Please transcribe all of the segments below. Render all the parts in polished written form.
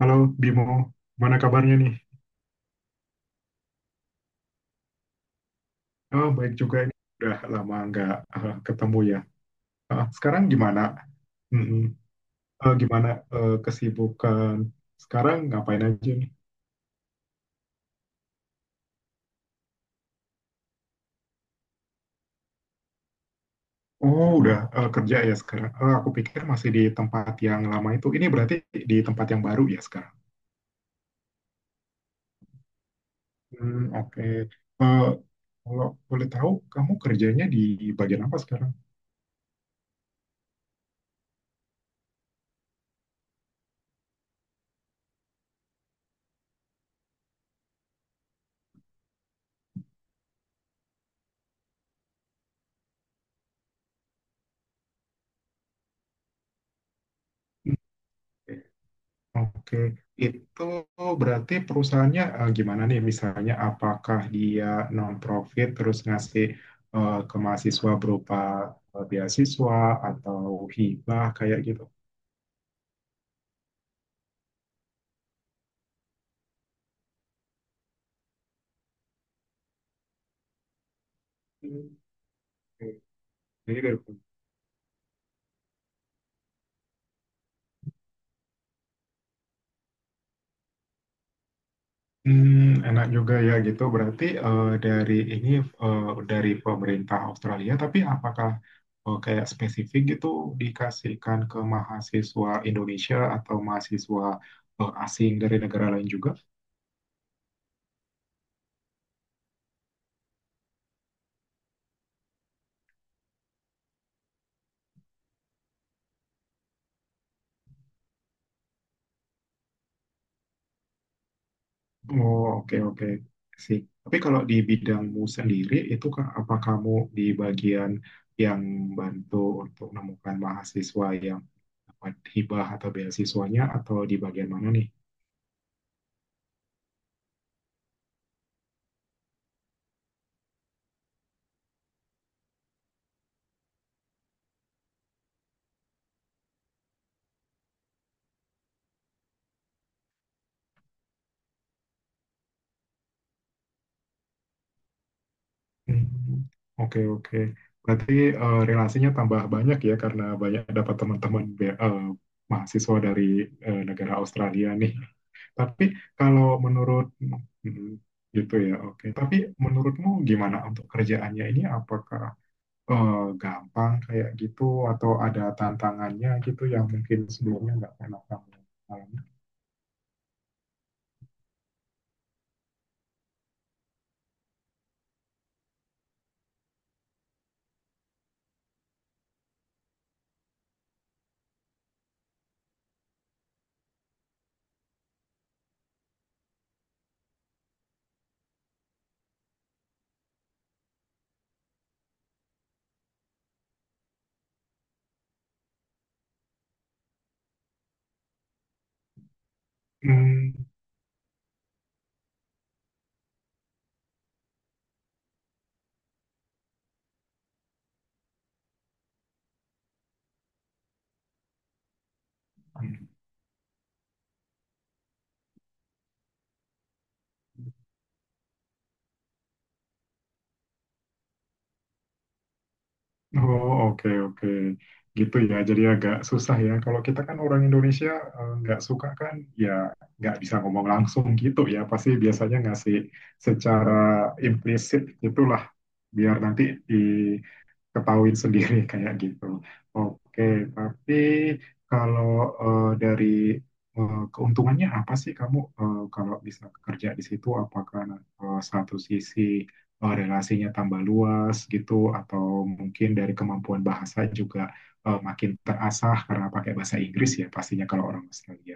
Halo Bimo, mana kabarnya nih? Oh, baik juga ini. Udah lama nggak ketemu ya. Ah, sekarang gimana? Mm-mm. Gimana kesibukan? Sekarang ngapain aja nih? Oh, udah kerja ya sekarang. Aku pikir masih di tempat yang lama itu. Ini berarti di tempat yang baru ya sekarang. Hmm, oke. Eh, kalau boleh tahu, kamu kerjanya di bagian apa sekarang? Oke, itu berarti perusahaannya gimana nih? Misalnya, apakah dia non-profit terus ngasih ke mahasiswa berupa beasiswa atau hibah kayak gitu? Oke. Jadi dari- Hmm, enak juga ya gitu. Berarti dari ini eh, dari pemerintah Australia, tapi apakah kayak spesifik gitu dikasihkan ke mahasiswa Indonesia atau mahasiswa asing dari negara lain juga? Oh, oke, oke. Sih. Tapi kalau di bidangmu sendiri, itu apa kamu di bagian yang bantu untuk menemukan mahasiswa yang dapat hibah atau beasiswanya, atau di bagian mana nih? Hmm, oke, oke. Berarti relasinya tambah banyak ya, karena banyak dapat mahasiswa dari negara Australia nih. Tapi kalau menurut hmm, gitu ya, oke. Tapi menurutmu gimana untuk kerjaannya ini? Apakah eh, gampang kayak gitu atau ada tantangannya gitu yang mungkin sebelumnya nggak pernah kamu alami? Hmm, Hmm. Oh, oke, oke. Gitu ya, jadi agak susah ya. Kalau kita kan orang Indonesia nggak suka kan, ya nggak bisa ngomong langsung gitu ya. Pasti biasanya ngasih secara implisit gitulah, biar nanti di ketahuin sendiri kayak gitu. Oke, tapi kalau dari keuntungannya apa sih kamu kalau bisa kerja di situ? Apakah satu sisi relasinya tambah luas gitu, atau mungkin dari kemampuan bahasa juga makin terasah karena pakai bahasa Inggris ya pastinya kalau orang Australia.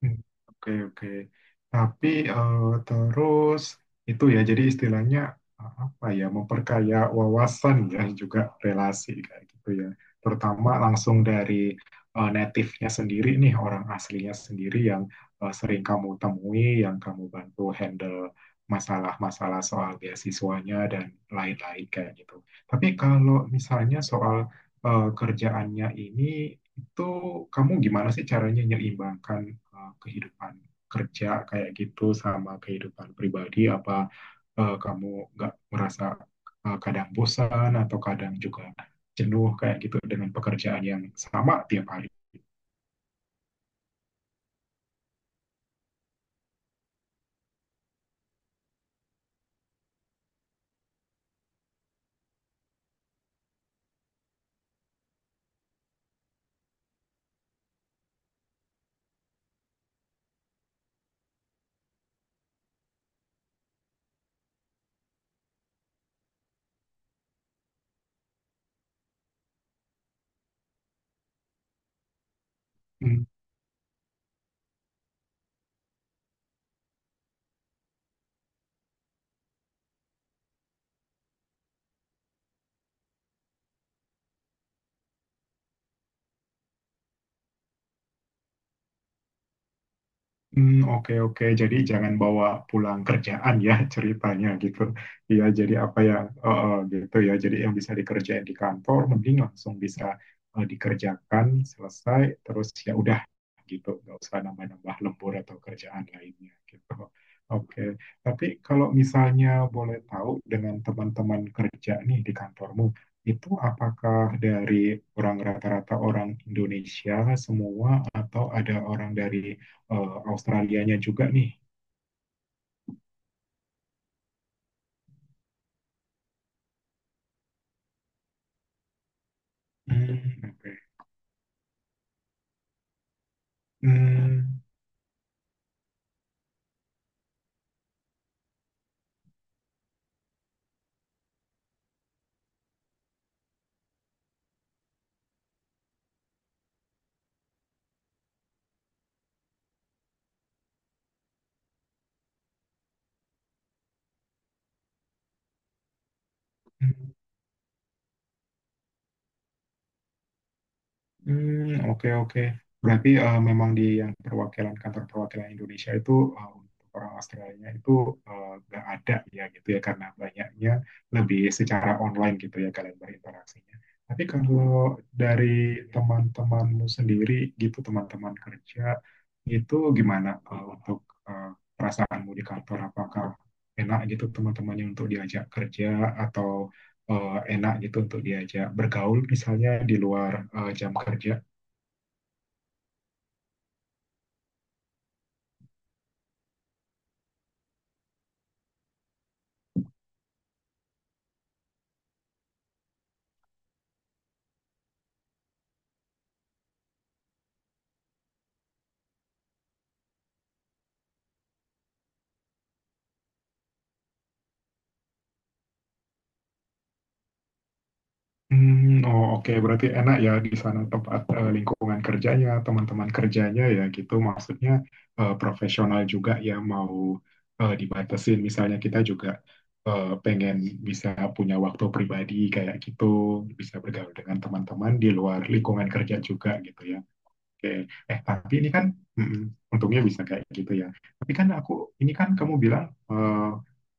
Hmm, oke, oke. Tapi terus itu ya, jadi istilahnya apa ya, memperkaya wawasan ya juga relasi kayak gitu ya. Terutama langsung dari native-nya sendiri nih, orang aslinya sendiri yang sering kamu temui, yang kamu bantu handle masalah-masalah soal beasiswanya dan lain-lain kayak gitu. Tapi kalau misalnya soal kerjaannya ini itu kamu gimana sih caranya menyeimbangkan kehidupan kerja kayak gitu sama kehidupan pribadi? Apa kamu nggak merasa kadang bosan atau kadang juga jenuh kayak gitu dengan pekerjaan yang sama tiap hari? Hmm. Hmm, oke oke. Jadi jangan bawa pulang kerjaan ya ceritanya gitu. Iya, jadi apa ya gitu ya. Jadi yang bisa dikerjain di kantor mending langsung bisa dikerjakan selesai terus ya udah gitu. Gak usah nambah-nambah lembur atau kerjaan lainnya gitu. Oke. Tapi kalau misalnya boleh tahu dengan teman-teman kerja nih di kantormu itu apakah dari orang rata-rata orang Indonesia semua atau ada orang dari Australianya juga nih. Hmm, oke. Okay. Hmm. Hmm, oke oke. Berarti memang di yang perwakilan kantor perwakilan Indonesia itu untuk orang Australia itu nggak ada ya gitu ya karena banyaknya lebih secara online gitu ya kalian berinteraksinya. Tapi kalau dari teman-temanmu sendiri gitu teman-teman kerja itu gimana untuk eh, perasaanmu di kantor apakah enak gitu teman-temannya untuk diajak kerja atau enak gitu untuk diajak bergaul misalnya di luar jam kerja. Hmm, oh oke. Berarti enak ya di sana tempat lingkungan kerjanya, teman-teman kerjanya ya gitu. Maksudnya profesional juga ya mau dibatasin. Misalnya kita juga pengen bisa punya waktu pribadi kayak gitu, bisa bergaul dengan teman-teman di luar lingkungan kerja juga gitu ya. Oke, eh tapi ini kan mm, untungnya bisa kayak gitu ya. Tapi kan aku ini kan kamu bilang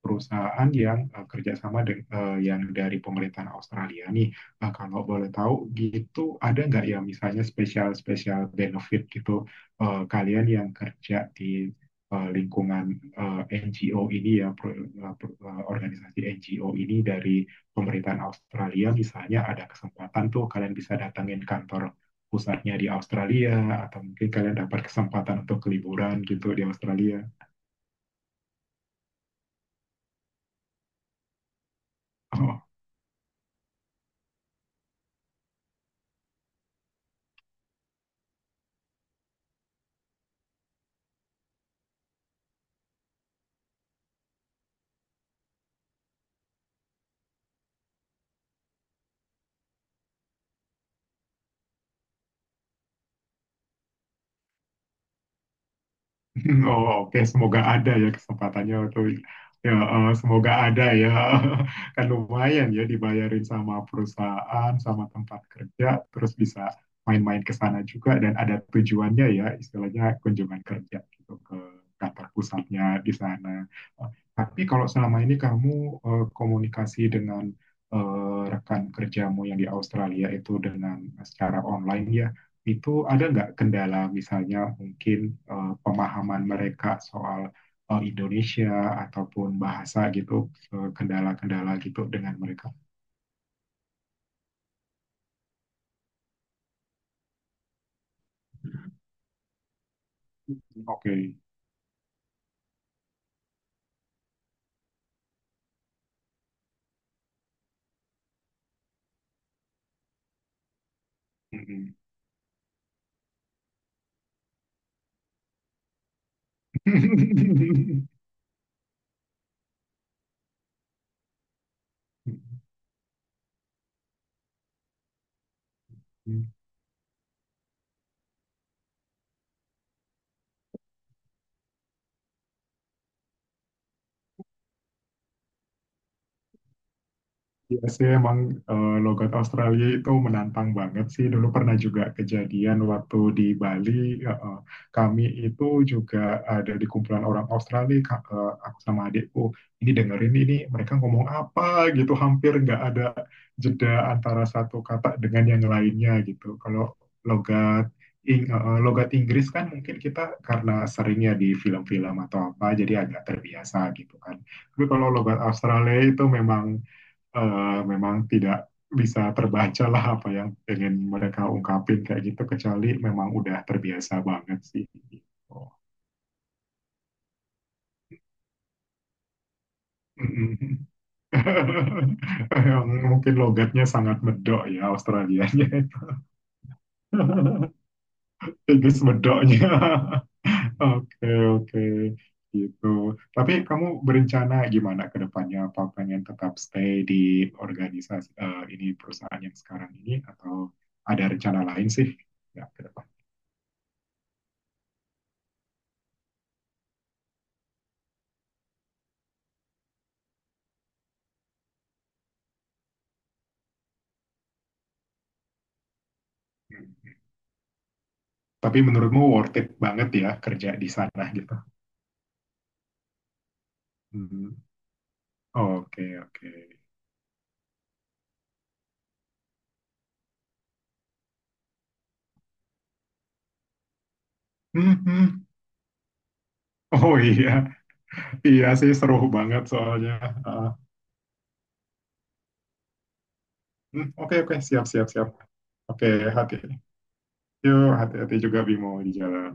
perusahaan yang kerjasama dengan yang dari pemerintahan Australia nih. Kalau boleh tahu gitu ada nggak ya misalnya spesial spesial benefit gitu kalian yang kerja di lingkungan NGO ini ya organisasi NGO ini dari pemerintahan Australia misalnya ada kesempatan tuh kalian bisa datangin kantor pusatnya di Australia atau mungkin kalian dapat kesempatan untuk liburan gitu di Australia. Oh, oh, oke, semoga ada ya kesempatannya untuk ya semoga ada ya. Kan lumayan ya dibayarin sama perusahaan, sama tempat kerja, terus bisa main-main ke sana juga dan ada tujuannya ya, istilahnya kunjungan kerja gitu ke kantor pusatnya di sana. Eh, Tapi kalau selama ini kamu komunikasi dengan rekan kerjamu yang di Australia itu dengan secara online ya, itu ada nggak kendala misalnya mungkin pemahaman mereka soal Indonesia ataupun bahasa gitu, kendala-kendala gitu dengan mereka? Oke. Mm-mm. Iya sih emang logat Australia itu menantang banget sih. Dulu pernah juga kejadian waktu di Bali, eh, eh, kami itu juga ada di kumpulan orang Australia, aku sama adikku. Ini dengerin ini, mereka ngomong apa gitu, hampir nggak ada jeda antara satu kata dengan yang lainnya gitu. Kalau logat logat Inggris kan mungkin kita karena seringnya di film-film atau apa, jadi agak terbiasa gitu kan. Tapi kalau logat Australia itu memang memang tidak bisa terbaca lah apa yang ingin mereka ungkapin kayak gitu kecuali memang udah terbiasa banget sih. Oh. Mm-mm. Yang mungkin logatnya sangat medok ya Australianya. Itu. Inggris medoknya. Oke, oke. Gitu. Tapi kamu berencana gimana ke depannya? Apa pengen tetap stay di organisasi ini perusahaan yang sekarang ini atau ada rencana lain sih? Ya, ke depan. Tapi menurutmu worth it banget ya kerja di sana gitu? Hmm, oke, oke. Hmm, hmm. Oh iya, iya sih seru banget soalnya. Ah, hmm, oke, oke, siap, siap, siap. Oke, hati. Yuk, hati-hati juga Bimo di jalan.